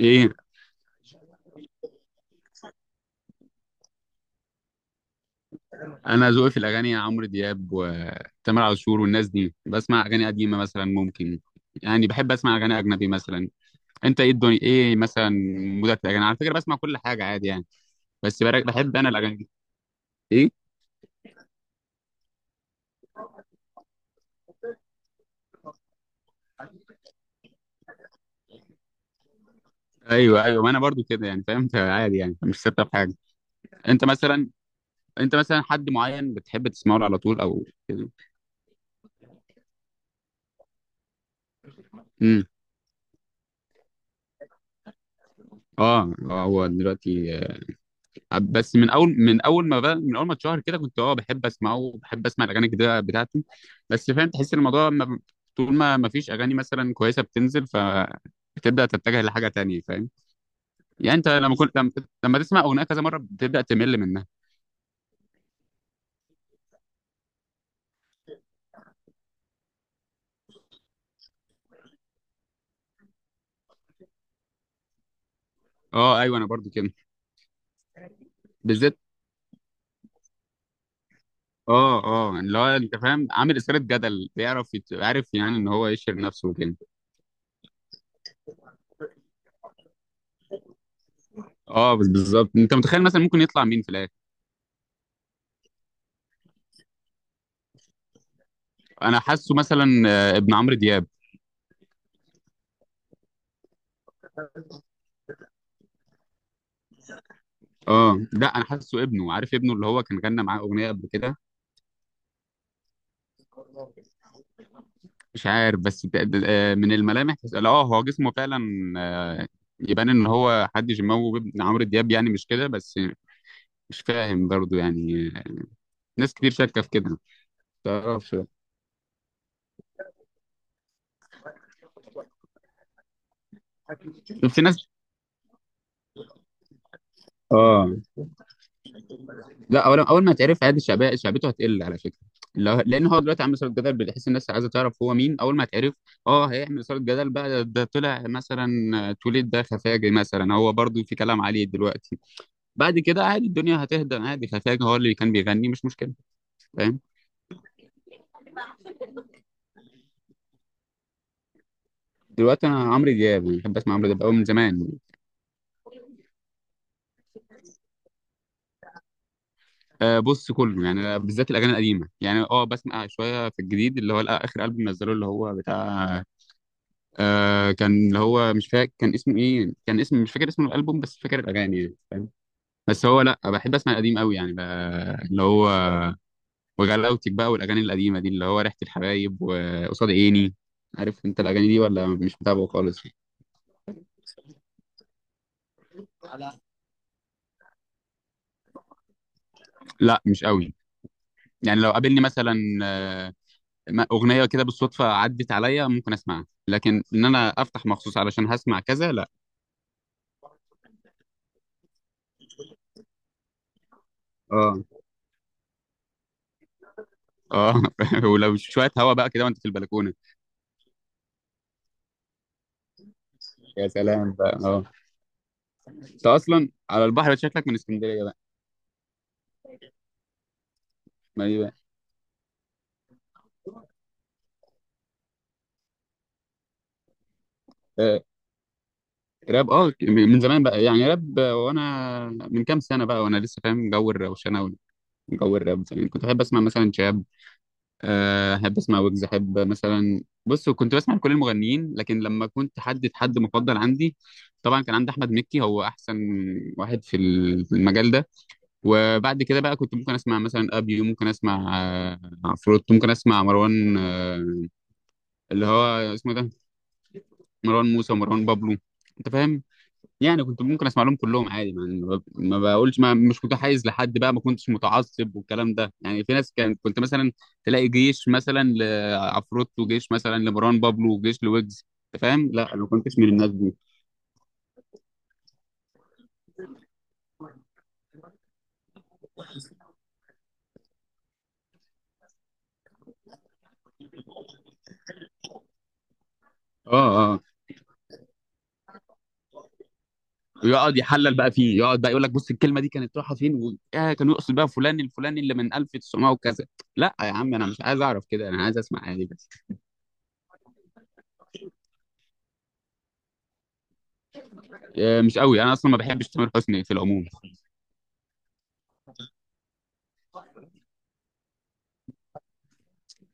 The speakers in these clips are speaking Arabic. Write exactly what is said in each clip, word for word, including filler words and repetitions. ايه. انا ذوقي في الاغاني عمرو دياب وتامر عاشور والناس دي، بسمع اغاني قديمه مثلا، ممكن يعني بحب اسمع اغاني اجنبي مثلا. انت ايه؟ الدنيا ايه مثلا؟ مودك في الاغاني؟ على فكره بسمع كل حاجه عادي يعني. بس برا- بحب انا الاغاني دي. ايه. ايوه ايوه، ما انا برضو كده يعني، فهمت عادي يعني، مش ثابته في حاجه. انت مثلا، انت مثلا حد معين بتحب تسمعه على طول او كده؟ امم اه آه، هو دلوقتي. بس من اول من اول ما بقى من اول ما اتشهر كده كنت اه بحب اسمعه، وبحب اسمع الاغاني الجديده بتاعته. بس فاهم، تحس الموضوع، ما طول ما ما فيش اغاني مثلا كويسه بتنزل، ف بتبدا تتجه لحاجه تانية، فاهم. يعني انت لما كنت، لما لما تسمع اغنيه كذا مره بتبدا تمل منها. اه ايوه انا برضو كده. بالذات. اه اه، اللي هو انت فاهم، عامل اثاره جدل، بيعرف يت... عارف يعني ان هو يشهر نفسه وكده. اه بس بالظبط، انت متخيل مثلا ممكن يطلع مين في الاخر؟ انا حاسه مثلا آه، ابن عمرو دياب. اه لا، انا حاسه ابنه، عارف ابنه اللي هو كان غنى معاه اغنيه قبل كده. مش عارف، بس تق- آه، من الملامح تس- لا اه هو جسمه فعلا. آه، يبان ان هو حد جيماوي وابن عمرو دياب، يعني مش كده بس. مش فاهم برضه يعني. ناس كتير شاكه في كده. متعرفش. شفت ناس. اه لا، اول اول ما تعرف عادي، شعبيه شعبيته هتقل على فكره. لو- لان هو دلوقتي عامل صوره جدل، بتحس الناس عايزه تعرف هو مين. اول ما تعرف اه هيعمل صوره جدل بقى. ده ده طلع مثلا آه، توليد. ده خفاجي مثلا، هو برضه في كلام عليه دلوقتي. بعد كده عادي الدنيا هتهدى عادي. خفاجة هو اللي كان بيغني، مش مشكلة. فاهم. دلوقتي انا عمرو دياب، يعني بحب اسمع عمرو دياب قوي من زمان. أه بص، كله يعني، بالذات الاغاني القديمه يعني. اه بسمع شويه في الجديد، اللي هو الأ- اخر البوم نزله، اللي هو بتاع. أه كان اللي هو مش فاكر كان اسمه ايه. كان اسم، مش فاكر اسم الالبوم، بس فاكر الاغاني يعني، فاهم. بس هو لا، بحب اسمع القديم قوي يعني، ب- اللي هو وغلاوتك بقى، والاغاني القديمه دي، اللي هو ريحه الحبايب وقصاد عيني. عارف انت الاغاني دي، ولا مش متابعه خالص؟ لا مش قوي. يعني لو قابلني مثلا آه، م- اغنيه كده بالصدفه عدت عليا، ممكن اسمعها. لكن ان انا افتح مخصوص علشان هسمع، كذا لا. اه. اه ولو شويه هوا بقى كده وانت في البلكونه. يا سلام بقى، اه. انت اصلا على البحر، شكلك من اسكندريه بقى. ما ايه بقى. آه، راب، اه ك- من زمان بقى يعني، راب. آه، وانا من كام سنه بقى وانا لسه فاهم جو الروشنه وجو الراب. زمان كنت بحب اسمع مثلا شهاب، آه، احب اسمع ويجز، احب مثلا. بص كنت بسمع لكل المغنيين، لكن لما كنت حدد حد مفضل عندي، طبعا كان عندي احمد مكي هو احسن واحد في ال- في المجال ده. وبعد كده بقى كنت ممكن اسمع مثلا ابيو، ممكن اسمع آه، عفروتو، ممكن اسمع مروان، آه، اللي هو اسمه إيه ده، مروان موسى ومروان بابلو، انت فاهم. يعني كنت ممكن اسمع لهم كلهم عادي يعني، ما ما بقولش، ما مش متحيز لحد بقى، ما كنتش متعصب والكلام ده يعني. في ناس كان كنت مثلا تلاقي جيش مثلا لعفروتو، وجيش مثلا لمروان بابلو، وجيش لويجز، انت فاهم. لا انا ما كنتش من الناس دي. اه اه، ويقعد يحلل بقى فيه، يقعد بقى يقول لك بص الكلمه دي كانت رايحه فين و... آه كان يقصد بقى فلان الفلاني اللي من ألف وتسعمائة وكذا. لا يا عم، انا مش عايز اعرف كده، انا عايز اسمع عادي بس. آه مش قوي، انا اصلا ما بحبش تامر حسني في العموم.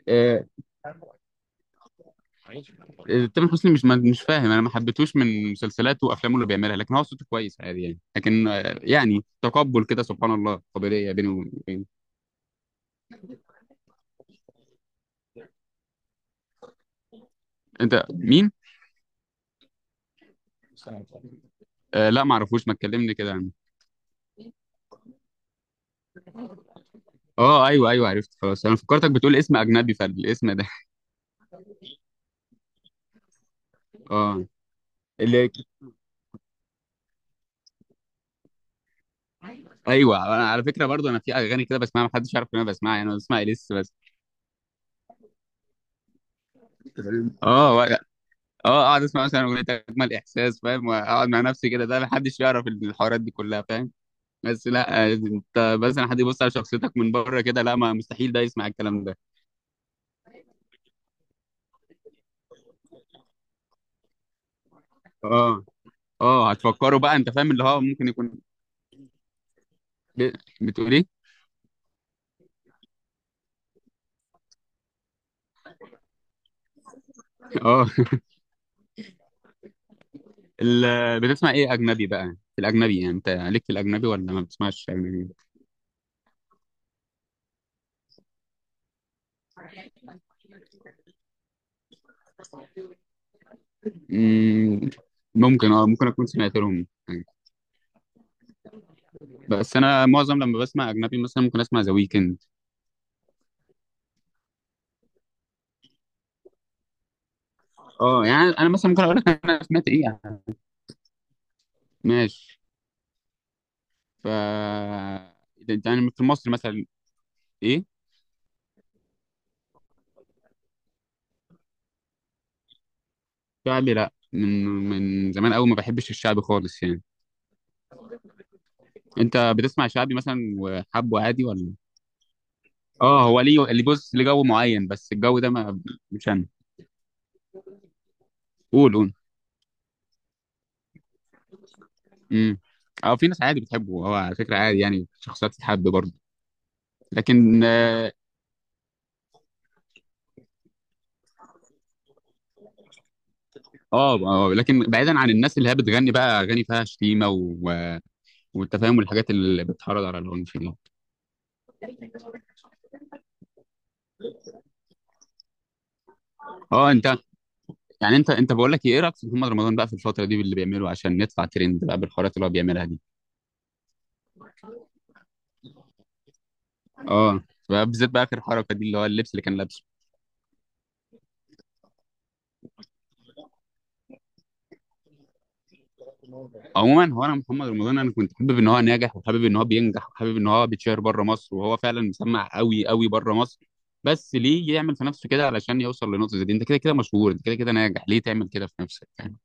آه، تامر حسني مش مش فاهم، انا ما حبيتهوش من مسلسلاته وافلامه اللي بيعملها، لكن هو صوته كويس عادي يعني. لكن آه، يعني تقبل كده سبحان الله قابليه بينه وبين. انت مين؟ آه لا، ما اعرفوش، ما تكلمني كده عنه. اه ايوه ايوه عرفت خلاص. انا فكرتك بتقول اسم اجنبي فالاسم ده. اه اللي، ايوه، انا على فكره برضو، انا في اغاني كده بسمعها ما حدش يعرف ان انا بسمعها، يعني انا بسمع اليس بس. اه و- اه، اقعد اسمع مثلا اغنيه اجمل احساس، فاهم، واقعد مع نفسي كده. ده ما حدش يعرف الحوارات دي كلها، فاهم. بس لا انت، مثلا حد يبص على شخصيتك من بره كده، لا، ما مستحيل ده يسمع الكلام ده. اه اه، هتفكروا بقى انت فاهم اللي هو ممكن يكون، ب- بتقول ايه؟ اه. ال- بتسمع ايه اجنبي بقى؟ في الاجنبي يعني، انت ليك في الاجنبي ولا ما بتسمعش اجنبي؟ مم، ممكن اه ممكن اكون سمعت لهم حاجة. بس انا معظم لما بسمع اجنبي مثلا ممكن اسمع ذا ويكند. اه يعني انا مثلا ممكن اقول لك انا سمعت ايه يعني. ماشي. ف ده- ده يعني في مصر مثلا. ايه. شعبي لا، من من زمان قوي ما بحبش الشعبي خالص يعني. انت بتسمع شعبي مثلا وحبه عادي ولا؟ اه هو ليه، اللي بص ليه جو معين، بس الجو ده ما، مش انا. قول قول. امم اه في ناس عادي بتحبه، هو على فكره عادي يعني، شخصيات تتحب برضه. لكن اه اه، لكن بعيدا عن الناس اللي هي بتغني بقى اغاني فيها شتيمه و... والتفاهم والحاجات اللي بتحرض على العنف دي. اه انت، يعني انت انت بقول لك ايه رايك في محمد رمضان بقى في الفتره دي باللي بيعمله عشان ندفع ترند بقى بالحوارات اللي هو بيعملها دي؟ اه. بقى بالذات بقى اخر حركه دي اللي هو اللبس اللي كان لابسه. عموما هو انا محمد رمضان، انا كنت حابب ان هو ناجح، وحابب ان هو بينجح، وحابب ان هو بيتشهر بره مصر، وهو فعلا مسمع قوي قوي بره مصر. بس ليه يعمل في نفسه كده علشان يوصل لنقطه زي دي، انت كده كده مشهور، انت كده كده ناجح، ليه تعمل كده في نفسك يعني.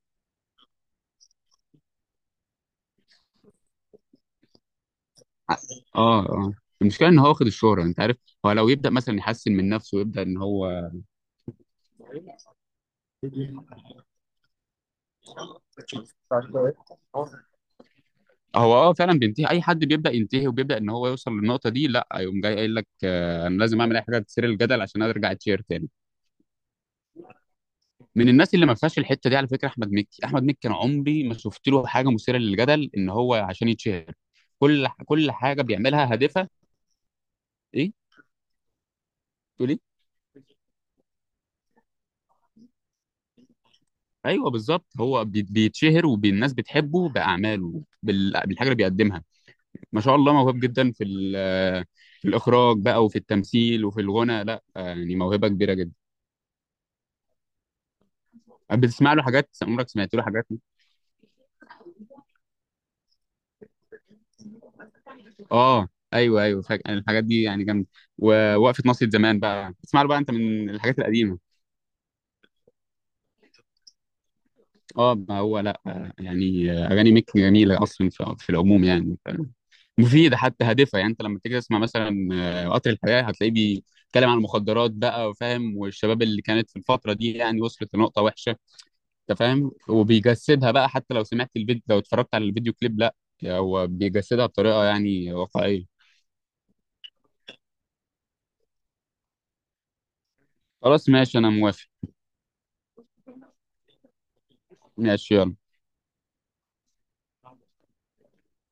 اه اه، المشكله ان هو واخد الشهره، انت عارف. هو لو يبدا مثلا يحسن من نفسه ويبدا ان هو، هو اه فعلا بينتهي، اي حد بيبدا ينتهي وبيبدا ان هو يوصل للنقطه دي لا يقوم جاي قايل لك آه، انا لازم اعمل اي حاجه تثير الجدل عشان ارجع اتشير تاني. من الناس اللي ما فيهاش الحته دي على فكره احمد مكي، احمد مكي انا عمري ما شفت له حاجه مثيره للجدل ان هو عشان يتشهر. كل كل حاجه بيعملها هادفه. ايه تقول ايه. ايوه بالظبط، هو بي- بيتشهر، والناس بتحبه باعماله، بال- بالحاجه اللي بيقدمها. ما شاء الله موهوب جدا في ال- في الاخراج بقى، وفي التمثيل، وفي الغنى، لا يعني موهبه كبيره جدا. بتسمع له حاجات؟ عمرك سمعت له حاجات؟ اه ايوه ايوه، فاك- الحاجات دي يعني جامده. ووقفه ناصية زمان بقى، بتسمع له بقى انت من الحاجات القديمه؟ اه ما هو لا، يعني اغاني ميك جميله اصلا، في في العموم يعني، ف- مفيده حتى، هادفه يعني. انت لما تيجي تسمع مثلا آه، قطر الحياه هتلاقيه بيتكلم عن المخدرات بقى، وفاهم، والشباب اللي كانت في الفتره دي يعني وصلت لنقطه وحشه، انت فاهم. وبيجسدها بقى، حتى لو سمعت الفيديو، لو اتفرجت على الفيديو كليب، لا، هو بيجسدها بطريقه يعني واقعيه. خلاص ماشي، انا موافق. ماشي، يلا.